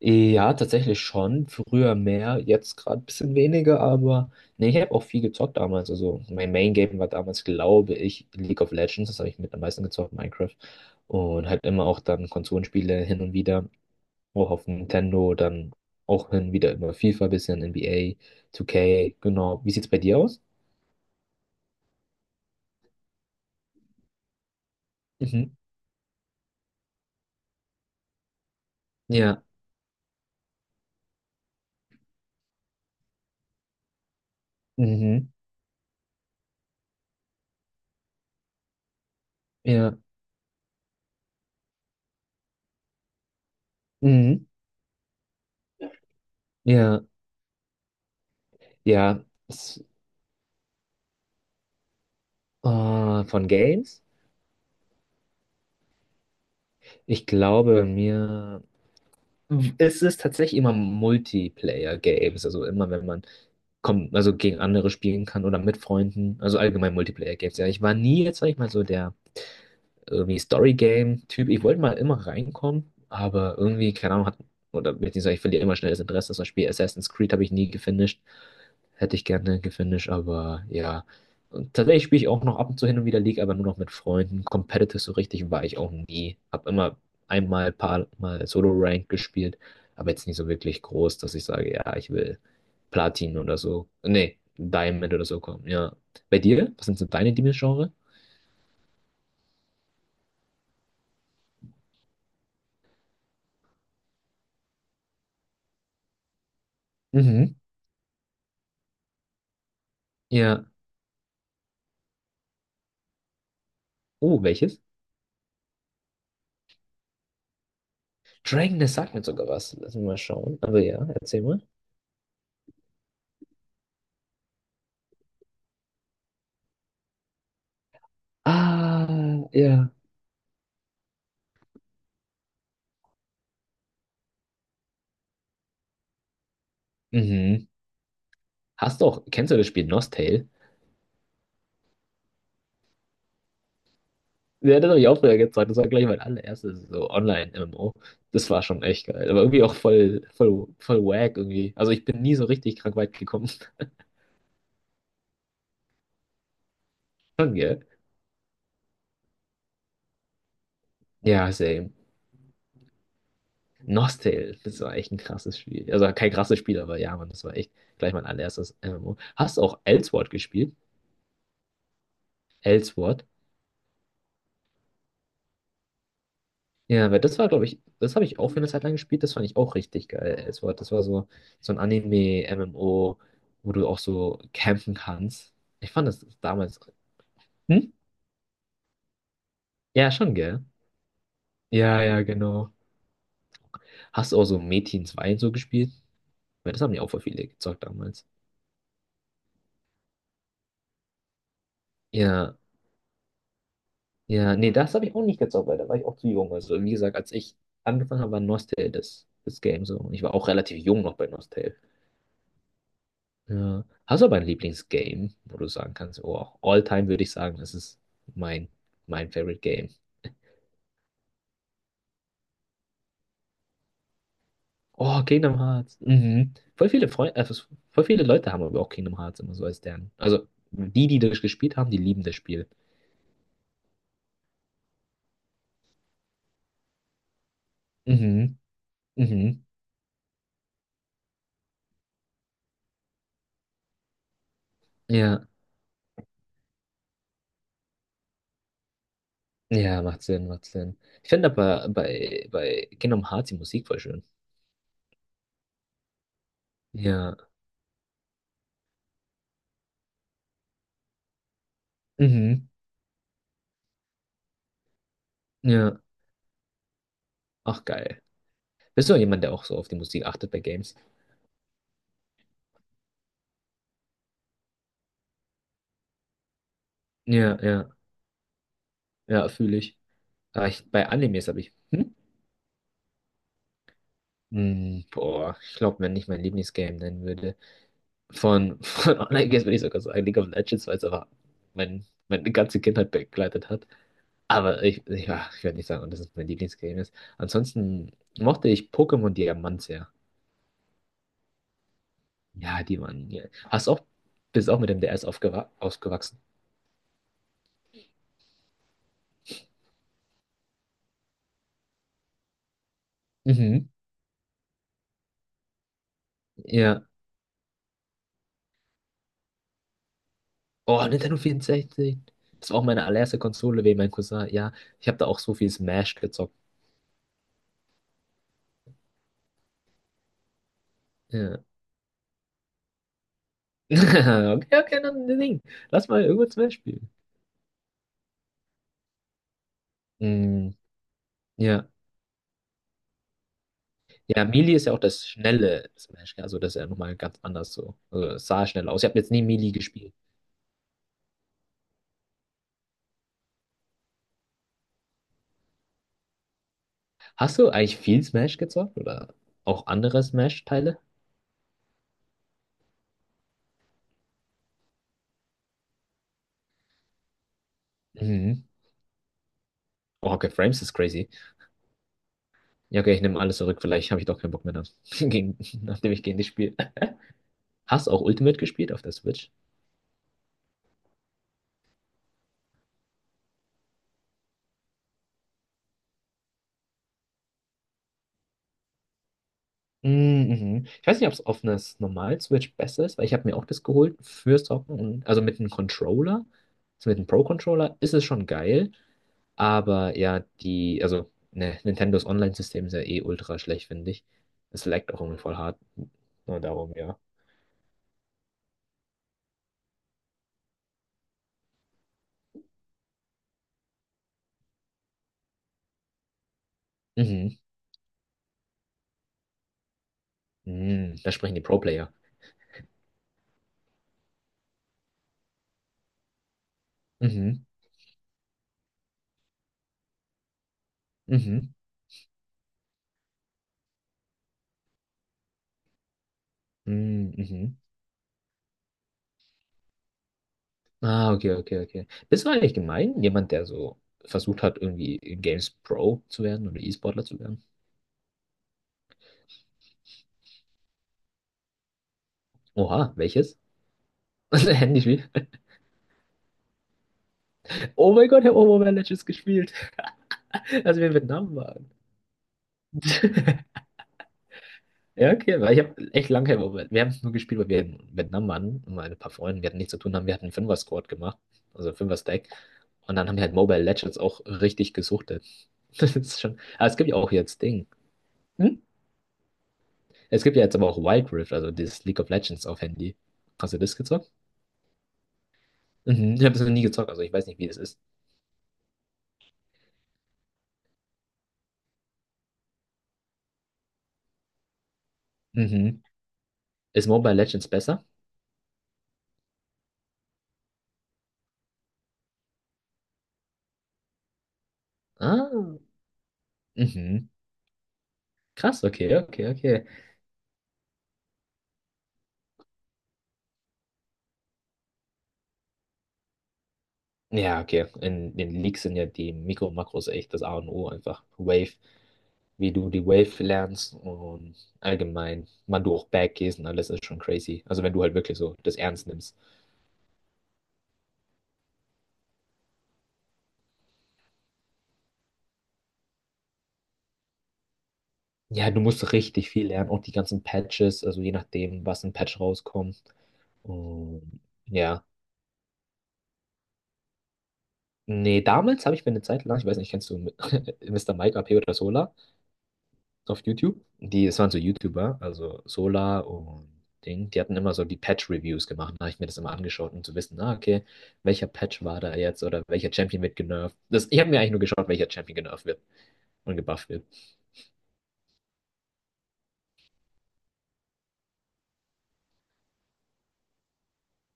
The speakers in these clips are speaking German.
Ja, tatsächlich schon. Früher mehr, jetzt gerade ein bisschen weniger, aber nee, ich habe auch viel gezockt damals. Also mein Main Game war damals, glaube ich, League of Legends. Das habe ich mit am meisten gezockt, Minecraft. Und halt immer auch dann Konsolenspiele hin und wieder. Auch auf Nintendo, dann auch hin und wieder immer FIFA, bisschen NBA, 2K, genau. Wie sieht's bei dir aus? Mhm. Ja. Mhm. Ja. Mhm. Ja. Ja. S- äh, von Games? Ich glaube bei mir. Es ist tatsächlich immer Multiplayer-Games, also immer wenn man kommt, also gegen andere spielen kann oder mit Freunden, also allgemein Multiplayer-Games. Ja, ich war nie jetzt, sag ich mal, so der irgendwie Story-Game-Typ. Ich wollte mal immer reinkommen, aber irgendwie, keine Ahnung, hat, oder beziehungsweise ich verliere immer schnell das Interesse. Zum Beispiel Assassin's Creed habe ich nie gefinisht. Hätte ich gerne gefinisht, aber ja. Und tatsächlich spiele ich auch noch ab und zu hin und wieder League, aber nur noch mit Freunden. Competitive so richtig war ich auch nie. Habe immer einmal, paar Mal Solo-Rank gespielt, aber jetzt nicht so wirklich groß, dass ich sage, ja, ich will Platin oder so. Nee, Diamond oder so kommen, ja. Bei dir? Was sind so deine Lieblingsgenre? Mhm. Ja. Oh, welches? Dragon, das sagt mir sogar was. Lass mich mal schauen. Aber ja, erzähl mal. Ah, ja. Mhm. Hast du auch, kennst du das Spiel Nostale? Ja, das habe ich auch früher gezeigt. Das war gleich mein allererstes so Online-MMO. Das war schon echt geil. Aber irgendwie auch voll, voll, voll wack irgendwie. Also ich bin nie so richtig krank weit gekommen. Schon, gell? Ja, same. Nostale, das war echt ein krasses Spiel. Also kein krasses Spiel, aber ja, Mann, das war echt gleich mein allererstes MMO. Hast du auch Elsword gespielt? Elsword? Ja, weil das war, glaube ich, das habe ich auch für eine Zeit lang gespielt, das fand ich auch richtig geil. Das war so, ein Anime-MMO, wo du auch so campen kannst. Ich fand das damals. Hm? Ja, schon, gell? Ja, ja, genau. Hast du auch so Metin 2 und so gespielt? Weil das haben ja auch voll viele gezockt damals. Ja, ja, nee, das habe ich auch nicht gezockt, weil da war ich auch zu jung. Also, wie gesagt, als ich angefangen habe, war Nostale das, Game so. Und ich war auch relativ jung noch bei Nostale. Ja. Hast du aber ein Lieblingsgame, wo du sagen kannst, oh, auch All-Time würde ich sagen, das ist mein, mein Favorite Game. Oh, Kingdom Hearts. Mhm. Voll viele Leute haben aber auch Kingdom Hearts immer so als deren. Also die, die das gespielt haben, die lieben das Spiel. Mhm. Mhm. Ja. Ja, macht Sinn, macht Sinn. Ich finde aber bei Kingdom Hearts die Musik voll schön. Ja. Mhm. Ja. Ach, geil. Bist du jemand, der auch so auf die Musik achtet bei Games? Ja, ja. Ja, fühle ich. Ah, ich, bei Animes habe ich. Hm? Hm, boah, ich glaube, wenn ich mein Lieblingsgame nennen würde. Von, von Online-Games würde ich sogar sagen League of Legends, weil es aber meine ganze Kindheit begleitet hat. Aber ich, ja, ich werde nicht sagen, dass es mein Lieblingsgame ist. Ansonsten mochte ich Pokémon Diamant sehr. Ja, die waren. Ja. Hast auch, bist auch mit dem DS aufgewa ausgewachsen. Mhm. Ja. Oh, Nintendo 64. Das war auch meine allererste Konsole wegen meinem Cousin. Ja, ich habe da auch so viel Smash gezockt. Ja. Okay, okay, dann sing. Lass mal irgendwann Smash spielen. Mm, ja. Ja, Melee ist ja auch das schnelle Smash, gell? Also das ist ja nochmal ganz anders so. Also, es sah schnell aus. Ich habe jetzt nie Melee gespielt. Hast du eigentlich viel Smash gezockt oder auch andere Smash-Teile? Mhm. Oh, okay, Frames ist crazy. Ja, okay, ich nehme alles zurück. Vielleicht habe ich doch keinen Bock mehr, dann, gegen, nachdem ich gegen dich spiele. Hast du auch Ultimate gespielt auf der Switch? Mm, mhm. Ich weiß nicht, ob es auf einer normalen Switch besser ist, weil ich habe mir auch das geholt für Socken und also mit einem Controller, also mit einem Pro-Controller ist es schon geil, aber ja, also ne, Nintendos Online-System ist ja eh ultra schlecht, finde ich. Es laggt auch irgendwie voll hart. Nur darum, ja. Mhm. Mhm. Da sprechen die Pro-Player. Mhm. Mhm. Mhm. Mhm. Ah, okay, okay, okay. Bist du eigentlich gemein? Jemand, der so versucht hat, irgendwie Games Pro zu werden oder E-Sportler zu werden? Oha, welches? Handyspiel? Oh mein Gott, ich habe Overwatch jetzt gespielt. Als wir in Vietnam waren. Ja, okay, weil ich habe echt lange kein Overwatch. Wir haben es nur gespielt, weil wir in Vietnam waren. Und meine paar Freunde, wir hatten nichts zu tun haben. Wir hatten einen Fünfer-Squad gemacht. Also Fünfer-Stack. Und dann haben wir halt Mobile Legends auch richtig gesuchtet. Das ist schon. Aber es gibt ja auch jetzt Ding. Hm? Es gibt ja jetzt aber auch Wild Rift, also dieses League of Legends auf Handy. Hast du das gezockt? Mhm. Ich habe es noch nie gezockt, also ich weiß nicht, wie das ist. Mhm. Ist Mobile Legends besser? Ah. Mhm. Krass, okay, okay, okay. Ja, okay. In den Leaks sind ja die Mikro- und Makros echt das A und O einfach. Wave, wie du die Wave lernst und allgemein, wann du auch Back gehst und alles ist schon crazy. Also wenn du halt wirklich so das ernst nimmst. Ja, du musst richtig viel lernen, auch die ganzen Patches, also je nachdem, was ein Patch rauskommt. Und ja. Nee, damals habe ich mir eine Zeit lang, ich weiß nicht, kennst du, Mister Mike AP oder Solar auf YouTube? Es waren so YouTuber, also Sola und Ding, die hatten immer so die Patch-Reviews gemacht. Da habe ich mir das immer angeschaut, um zu wissen, ah, okay, welcher Patch war da jetzt oder welcher Champion wird genervt. Ich habe mir eigentlich nur geschaut, welcher Champion genervt wird und gebufft wird.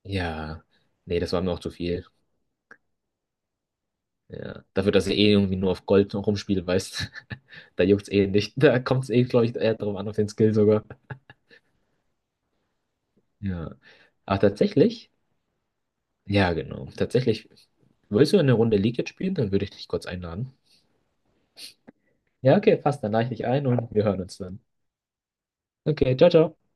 Ja, nee, das war mir auch zu viel. Ja, dafür, dass ich eh irgendwie nur auf Gold rumspiele, weißt, da juckt's eh nicht. Da kommt's eh, glaube ich, eher drauf an, auf den Skill sogar. Ja. Ach, tatsächlich? Ja, genau. Tatsächlich. Willst du eine Runde League jetzt spielen? Dann würde ich dich kurz einladen. Ja, okay, passt. Dann lade ich dich ein und wir hören uns dann. Okay, ciao, ciao.